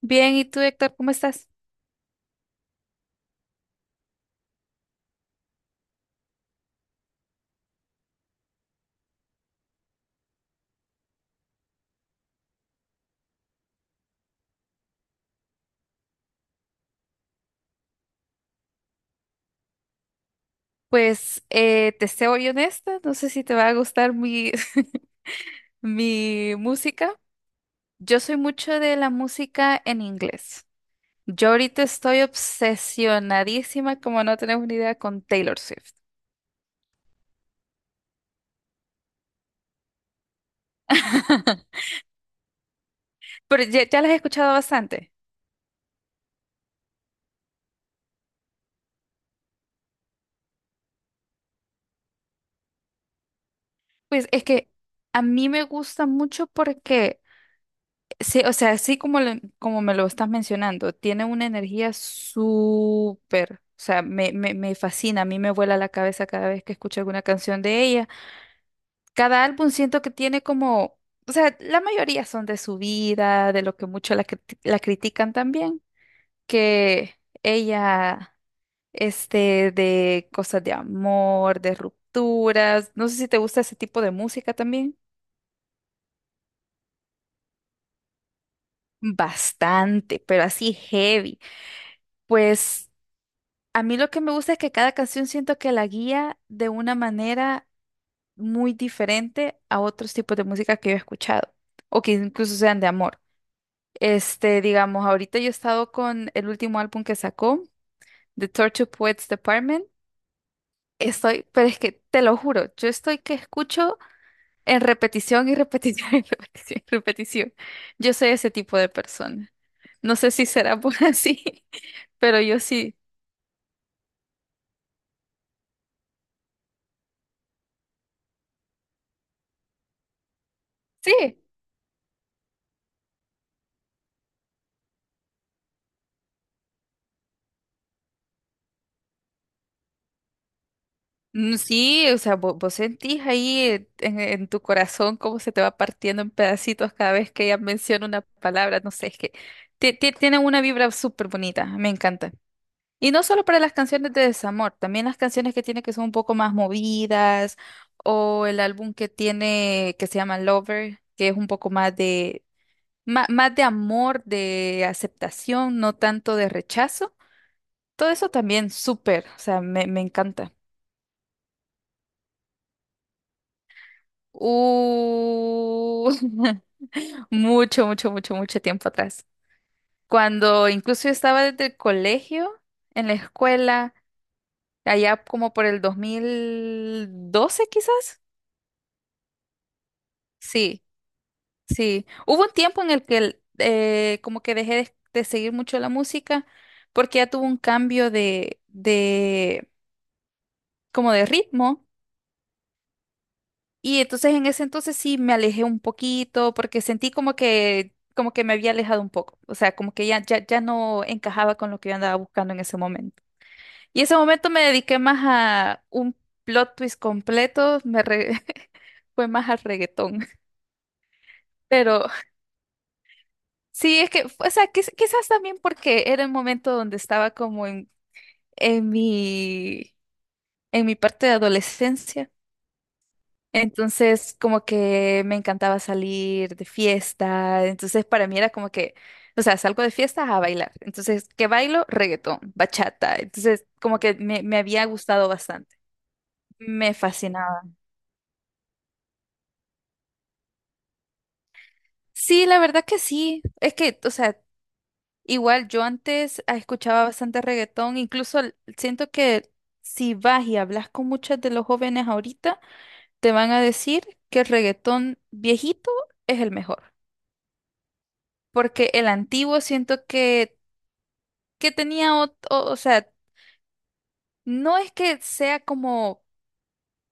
Bien, ¿y tú, Héctor, cómo estás? Te soy honesta, no sé si te va a gustar mi música. Yo soy mucho de la música en inglés. Yo ahorita estoy obsesionadísima, como no tenemos ni idea, con Taylor Swift. Pero ya las he escuchado bastante. Pues es que a mí me gusta mucho porque sí. O sea, así como, como me lo estás mencionando, tiene una energía súper. O sea, me fascina, a mí me vuela la cabeza cada vez que escucho alguna canción de ella. Cada álbum siento que tiene como, o sea, la mayoría son de su vida, de lo que mucho la critican también, que ella, de cosas de amor, de rupturas, no sé si te gusta ese tipo de música también. Bastante, pero así heavy. Pues... A mí lo que me gusta es que cada canción siento que la guía de una manera muy diferente a otros tipos de música que yo he escuchado o que incluso sean de amor. Digamos, ahorita yo he estado con el último álbum que sacó, The Tortured Poets Department. Estoy, pero es que te lo juro, yo estoy que escucho en repetición y repetición y repetición y repetición. Yo soy ese tipo de persona. No sé si será por así, pero yo sí. Sí. Mm, sí. O sea, vos, sentís ahí en tu corazón cómo se te va partiendo en pedacitos cada vez que ella menciona una palabra, no sé, es que tiene una vibra súper bonita, me encanta. Y no solo para las canciones de desamor, también las canciones que tiene que son un poco más movidas, o el álbum que tiene que se llama Lover, que es un poco más más de amor, de aceptación, no tanto de rechazo. Todo eso también súper, o sea, me encanta. Uh, mucho tiempo atrás. Cuando incluso yo estaba desde el colegio, en la escuela, allá como por el 2012 quizás. Sí, sí. Hubo un tiempo en el que como que dejé de seguir mucho la música porque ya tuvo un cambio como de ritmo. Y entonces en ese entonces sí me alejé un poquito porque sentí como que me había alejado un poco. O sea, como que ya no encajaba con lo que yo andaba buscando en ese momento. Y ese momento me dediqué más a un plot twist completo, fue más al reggaetón. Pero sí, es que, o sea, quizás también porque era el momento donde estaba como en mi, en mi parte de adolescencia. Entonces, como que me encantaba salir de fiesta. Entonces, para mí era como que, o sea, salgo de fiesta a bailar. Entonces, ¿qué bailo? Reggaetón, bachata. Entonces, como que me había gustado bastante. Me fascinaba. Sí, la verdad que sí. Es que, o sea, igual yo antes escuchaba bastante reggaetón. Incluso siento que si vas y hablas con muchos de los jóvenes ahorita, te van a decir que el reggaetón viejito es el mejor. Porque el antiguo siento que tenía, o sea, no es que sea como,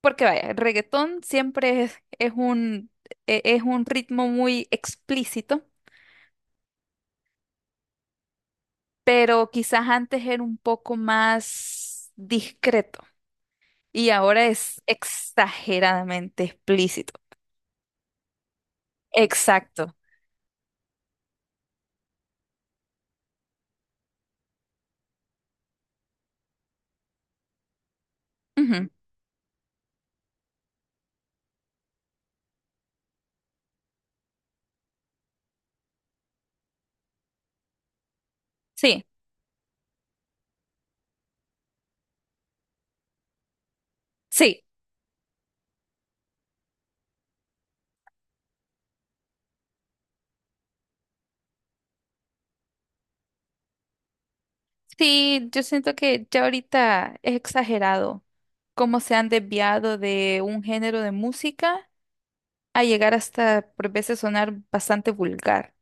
porque vaya, el reggaetón siempre es un, es un ritmo muy explícito, pero quizás antes era un poco más discreto y ahora es exageradamente explícito. Exacto. Ujú. Sí, sí, sí, yo siento que ya ahorita es exagerado cómo se han desviado de un género de música a llegar hasta por veces sonar bastante vulgar.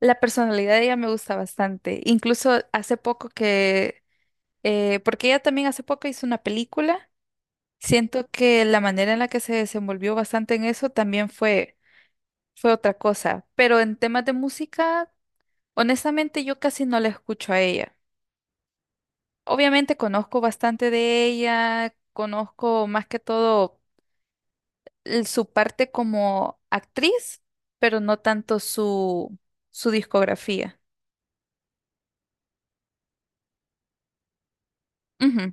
La personalidad de ella me gusta bastante. Incluso hace poco que, porque ella también hace poco hizo una película, siento que la manera en la que se desenvolvió bastante en eso también fue otra cosa. Pero en temas de música, honestamente yo casi no la escucho a ella. Obviamente conozco bastante de ella, conozco más que todo su parte como actriz, pero no tanto su discografía. Ujú.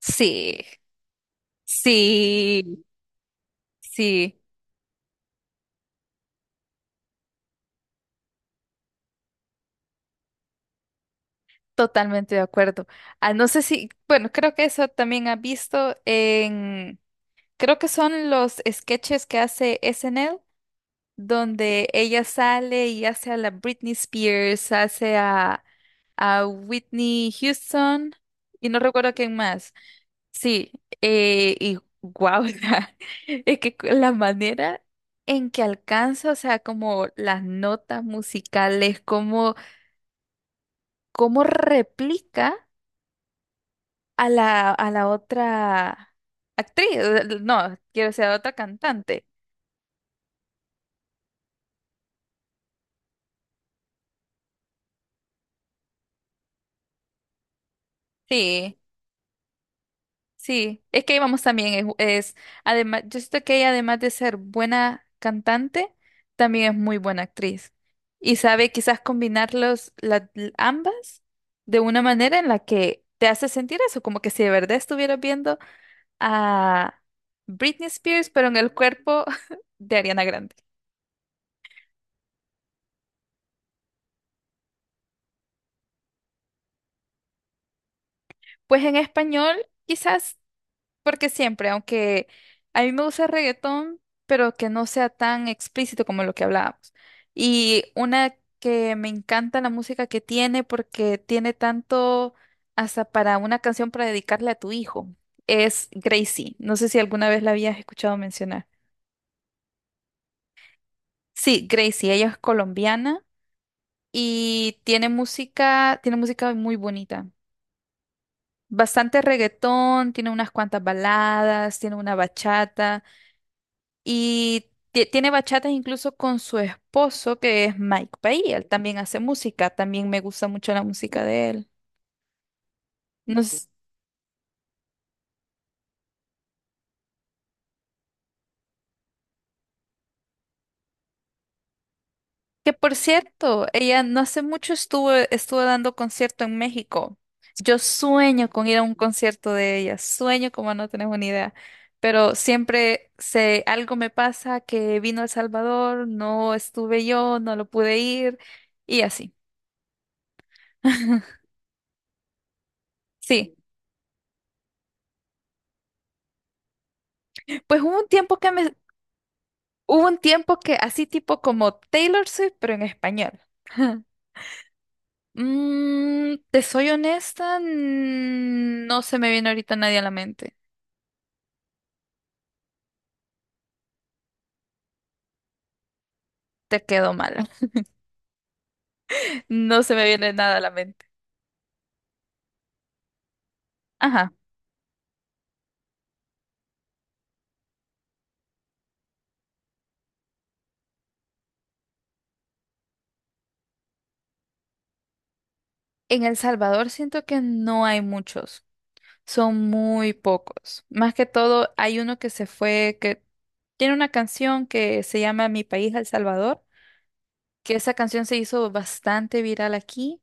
Sí, sí, sí, totalmente de acuerdo. Ah, no sé si, bueno, creo que eso también ha visto en, creo que son los sketches que hace SNL, donde ella sale y hace a la Britney Spears, hace a Whitney Houston y no recuerdo quién más. Sí, y guau, o sea, es que la manera en que alcanza, o sea, como las notas musicales, cómo, cómo replica a a la otra actriz, no, quiero decir, a la otra cantante. Sí. Sí, es que ahí vamos también, es además, yo siento que ella además de ser buena cantante, también es muy buena actriz y sabe quizás combinarlos ambas de una manera en la que te hace sentir eso, como que si de verdad estuvieras viendo a Britney Spears, pero en el cuerpo de Ariana Grande. Pues en español, quizás, porque siempre, aunque a mí me gusta el reggaetón, pero que no sea tan explícito como lo que hablábamos. Y una que me encanta la música que tiene, porque tiene tanto hasta para una canción para dedicarle a tu hijo, es Gracie. No sé si alguna vez la habías escuchado mencionar. Sí, Gracie, ella es colombiana y tiene música muy bonita. Bastante reggaetón, tiene unas cuantas baladas, tiene una bachata. Y tiene bachatas incluso con su esposo, que es Mike Pay. Él también hace música. También me gusta mucho la música de él. No s- Que por cierto, ella no hace mucho estuvo dando concierto en México. Yo sueño con ir a un concierto de ella. Sueño como no tenés una idea. Pero siempre sé, algo me pasa que vino a El Salvador, no estuve yo, no lo pude ir y así. Sí, pues hubo un tiempo hubo un tiempo que así tipo como Taylor Swift, pero en español. Mm, te soy honesta, no se me viene ahorita nadie a la mente. Te quedo mal. No se me viene nada a la mente. Ajá. En El Salvador siento que no hay muchos. Son muy pocos. Más que todo, hay uno que se fue, que tiene una canción que se llama Mi país, El Salvador, que esa canción se hizo bastante viral aquí,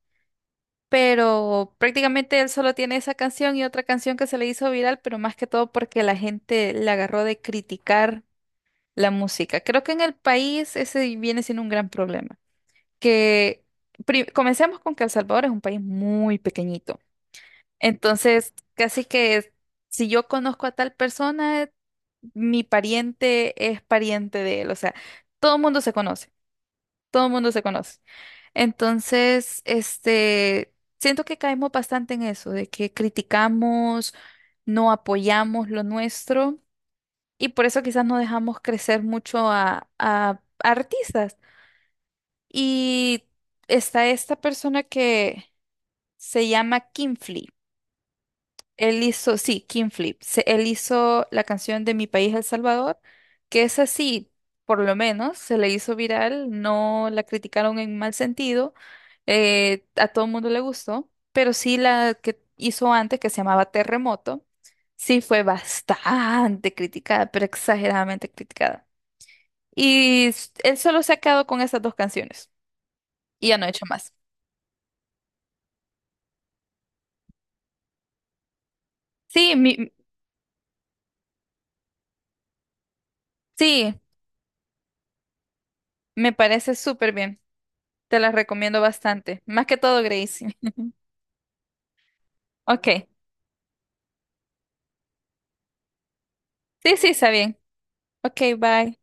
pero prácticamente él solo tiene esa canción y otra canción que se le hizo viral, pero más que todo porque la gente le agarró de criticar la música. Creo que en el país ese viene siendo un gran problema. Que comencemos con que El Salvador es un país muy pequeñito. Entonces, casi que si yo conozco a tal persona, mi pariente es pariente de él. O sea, todo el mundo se conoce, todo el mundo se conoce. Entonces, siento que caemos bastante en eso, de que criticamos, no apoyamos lo nuestro y por eso quizás no dejamos crecer mucho a artistas. Y está esta persona que se llama Kinfly. Él hizo, sí, King Flip. Él hizo la canción de Mi País El Salvador, que es así, por lo menos, se le hizo viral, no la criticaron en mal sentido, a todo el mundo le gustó, pero sí la que hizo antes, que se llamaba Terremoto, sí fue bastante criticada, pero exageradamente criticada. Y él solo se ha quedado con esas dos canciones y ya no ha hecho más. Sí, mi- sí, me parece súper bien. Te las recomiendo bastante. Más que todo, Gracie. Ok. Sí, sí, está bien. Ok, bye.